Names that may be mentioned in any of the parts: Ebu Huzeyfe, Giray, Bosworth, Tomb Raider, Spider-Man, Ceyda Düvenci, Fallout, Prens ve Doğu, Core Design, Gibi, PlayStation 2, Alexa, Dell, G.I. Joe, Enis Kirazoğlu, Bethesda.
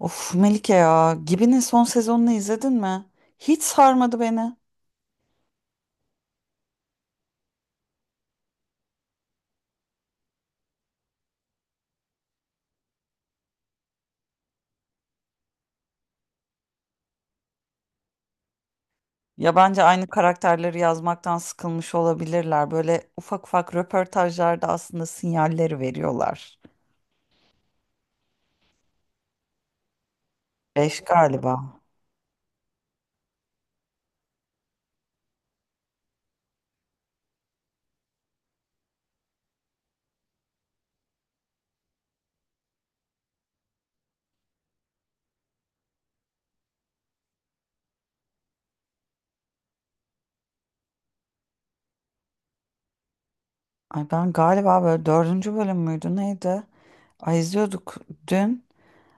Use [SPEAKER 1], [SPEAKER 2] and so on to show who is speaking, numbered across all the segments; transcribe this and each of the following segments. [SPEAKER 1] Of Melike ya, Gibi'nin son sezonunu izledin mi? Hiç sarmadı beni. Ya bence aynı karakterleri yazmaktan sıkılmış olabilirler. Böyle ufak ufak röportajlarda aslında sinyalleri veriyorlar. Beş galiba. Ay ben galiba böyle dördüncü bölüm müydü neydi? Ay izliyorduk dün.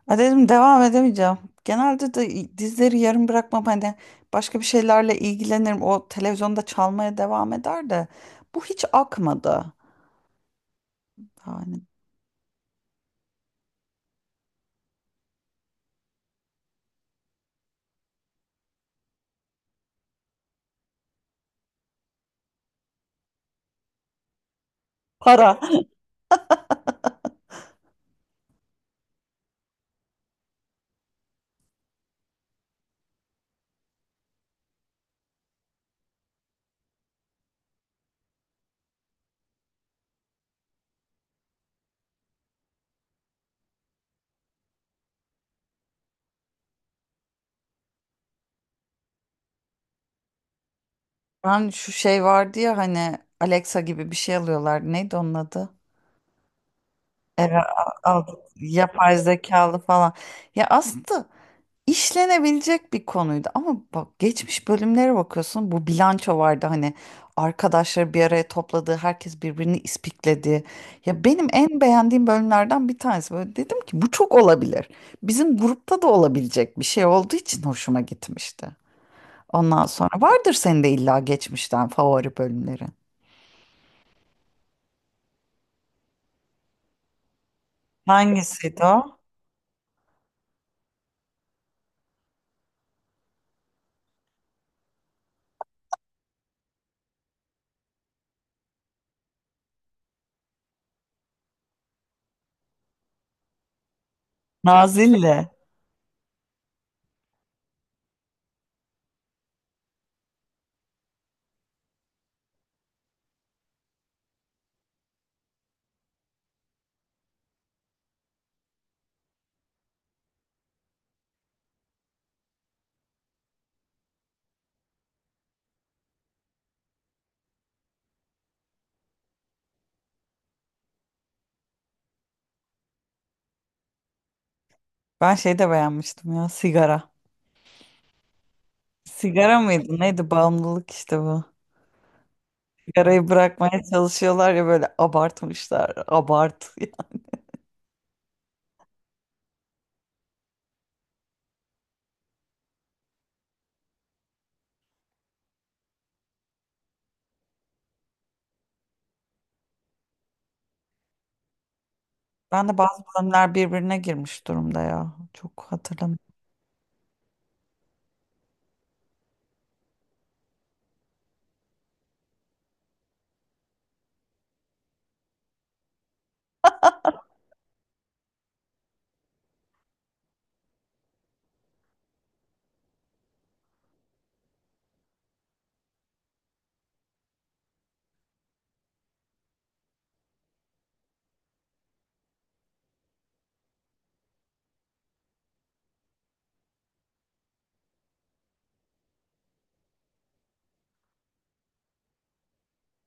[SPEAKER 1] Ay dedim devam edemeyeceğim. Genelde de dizileri yarım bırakmam hani başka bir şeylerle ilgilenirim. O televizyonda çalmaya devam eder de bu hiç akmadı. Yani para. Ben şu şey vardı ya hani Alexa gibi bir şey alıyorlar. Neydi onun adı? Eve aldık. Yapay zekalı falan. Ya aslında işlenebilecek bir konuydu ama bak geçmiş bölümlere bakıyorsun bu bilanço vardı hani arkadaşları bir araya topladığı herkes birbirini ispikledi. Ya benim en beğendiğim bölümlerden bir tanesi böyle dedim ki bu çok olabilir. Bizim grupta da olabilecek bir şey olduğu için hoşuma gitmişti. Ondan sonra vardır senin de illa geçmişten favori bölümleri. Hangisiydi o? Nazilli. Ben şey de beğenmiştim ya sigara. Sigara mıydı? Neydi? Bağımlılık işte bu. Sigarayı bırakmaya çalışıyorlar ya böyle abartmışlar. Abart. Ben de bazı bölümler birbirine girmiş durumda ya. Çok hatırlamıyorum.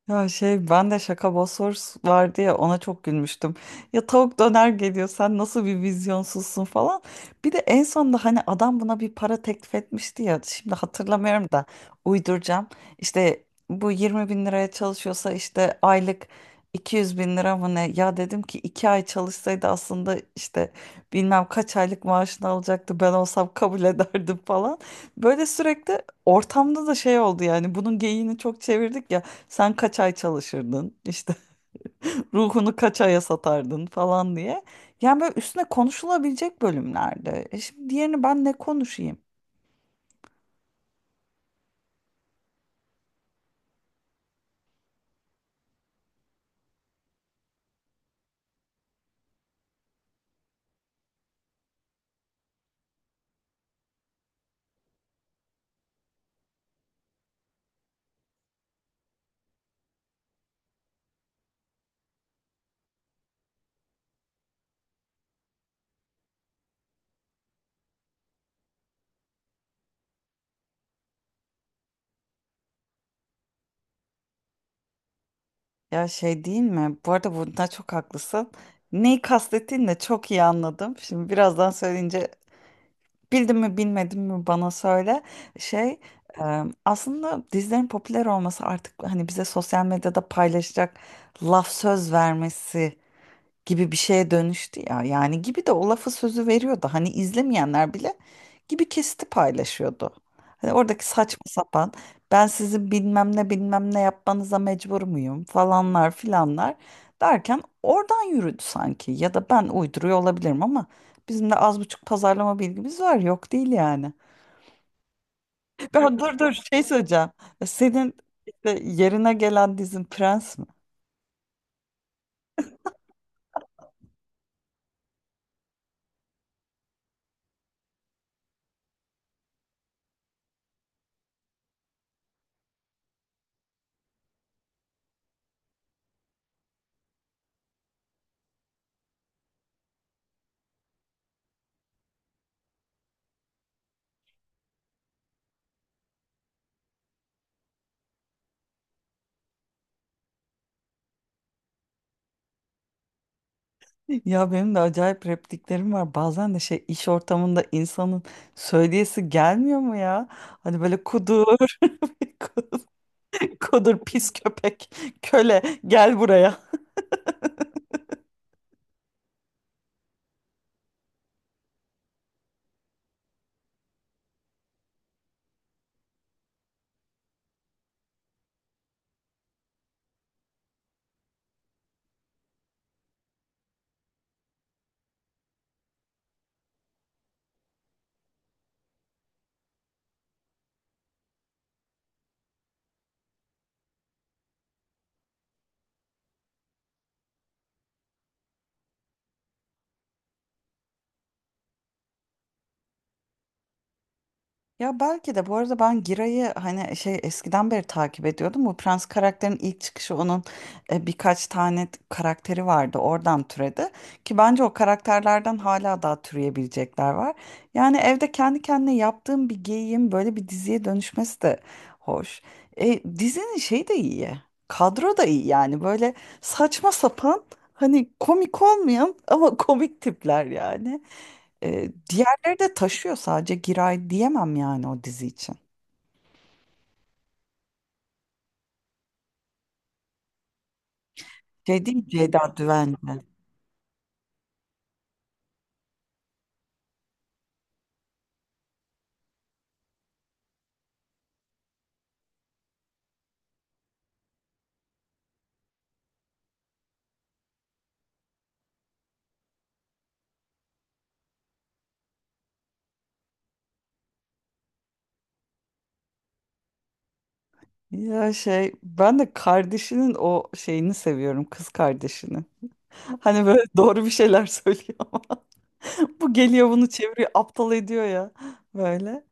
[SPEAKER 1] Ya şey ben de şaka Bosworth vardı ya ona çok gülmüştüm. Ya tavuk döner geliyor sen nasıl bir vizyonsuzsun falan. Bir de en sonunda hani adam buna bir para teklif etmişti ya şimdi hatırlamıyorum da uyduracağım. İşte bu 20 bin liraya çalışıyorsa işte aylık 200 bin lira mı ne? Ya dedim ki iki ay çalışsaydı aslında işte bilmem kaç aylık maaşını alacaktı ben olsam kabul ederdim falan. Böyle sürekli ortamda da şey oldu yani bunun geyiğini çok çevirdik ya. Sen kaç ay çalışırdın işte ruhunu kaç aya satardın falan diye. Yani böyle üstüne konuşulabilecek bölümlerde. E şimdi diğerini ben ne konuşayım? Ya şey değil mi? Bu arada bunda çok haklısın. Neyi kastettiğini de çok iyi anladım. Şimdi birazdan söyleyince bildin mi bilmedin mi bana söyle. Şey aslında dizilerin popüler olması artık hani bize sosyal medyada paylaşacak laf söz vermesi gibi bir şeye dönüştü ya. Yani gibi de o lafı sözü veriyordu. Hani izlemeyenler bile gibi kesiti paylaşıyordu. Hani oradaki saçma sapan ben sizin bilmem ne bilmem ne yapmanıza mecbur muyum falanlar filanlar derken oradan yürüdü sanki. Ya da ben uyduruyor olabilirim ama bizim de az buçuk pazarlama bilgimiz var yok değil yani. Ben dur dur şey söyleyeceğim. Senin işte yerine gelen dizin Prens mi? Ya benim de acayip repliklerim var. Bazen de şey iş ortamında insanın söyleyesi gelmiyor mu ya? Hani böyle kudur, kudur, pis köpek, köle gel buraya. Ya belki de bu arada ben Giray'ı hani şey eskiden beri takip ediyordum. Bu Prens karakterin ilk çıkışı onun birkaç tane karakteri vardı. Oradan türedi. Ki bence o karakterlerden hala daha türeyebilecekler var. Yani evde kendi kendine yaptığım bir geyiğin böyle bir diziye dönüşmesi de hoş. E, dizinin şeyi de iyi. Kadro da iyi yani böyle saçma sapan hani komik olmayan ama komik tipler yani. E, diğerleri de taşıyor sadece Giray diyemem yani o dizi için. Şey değil mi Ceyda Düvenci. Ya şey ben de kardeşinin o şeyini seviyorum kız kardeşini. Hani böyle doğru bir şeyler söylüyor ama bu geliyor bunu çeviriyor aptal ediyor ya böyle.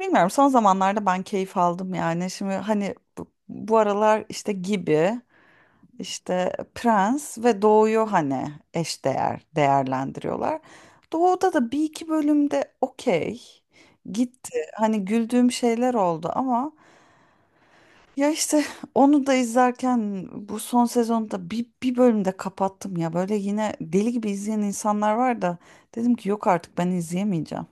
[SPEAKER 1] Bilmiyorum son zamanlarda ben keyif aldım yani. Şimdi hani bu aralar işte gibi İşte Prens ve Doğu'yu hani eşdeğer değerlendiriyorlar. Doğu'da da bir iki bölümde okey gitti. Hani güldüğüm şeyler oldu ama ya işte onu da izlerken bu son sezonda bir bölümde kapattım ya. Böyle yine deli gibi izleyen insanlar var da dedim ki yok artık ben izleyemeyeceğim.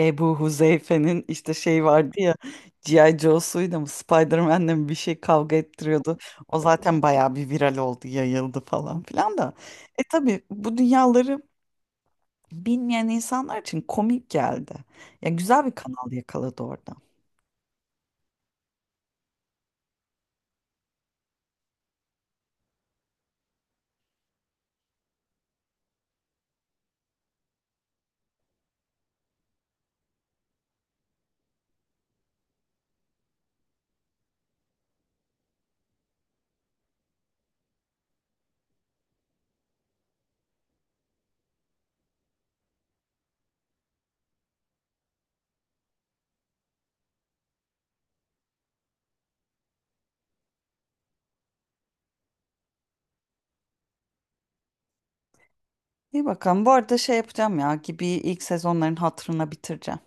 [SPEAKER 1] Ebu Huzeyfe'nin işte şey vardı ya G.I. Joe'suyla mı Spider-Man'le mi bir şey kavga ettiriyordu. O zaten bayağı bir viral oldu, yayıldı falan filan da. E tabii bu dünyaları bilmeyen insanlar için komik geldi. Ya güzel bir kanal yakaladı orada. İyi bakalım. Bu arada şey yapacağım ya gibi ilk sezonların hatırına bitireceğim.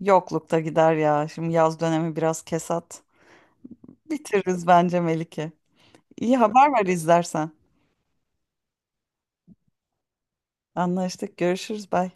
[SPEAKER 1] Yoklukta gider ya. Şimdi yaz dönemi biraz kesat. Bitiririz bence Melike. İyi haber ver izlersen. Anlaştık. Görüşürüz. Bye.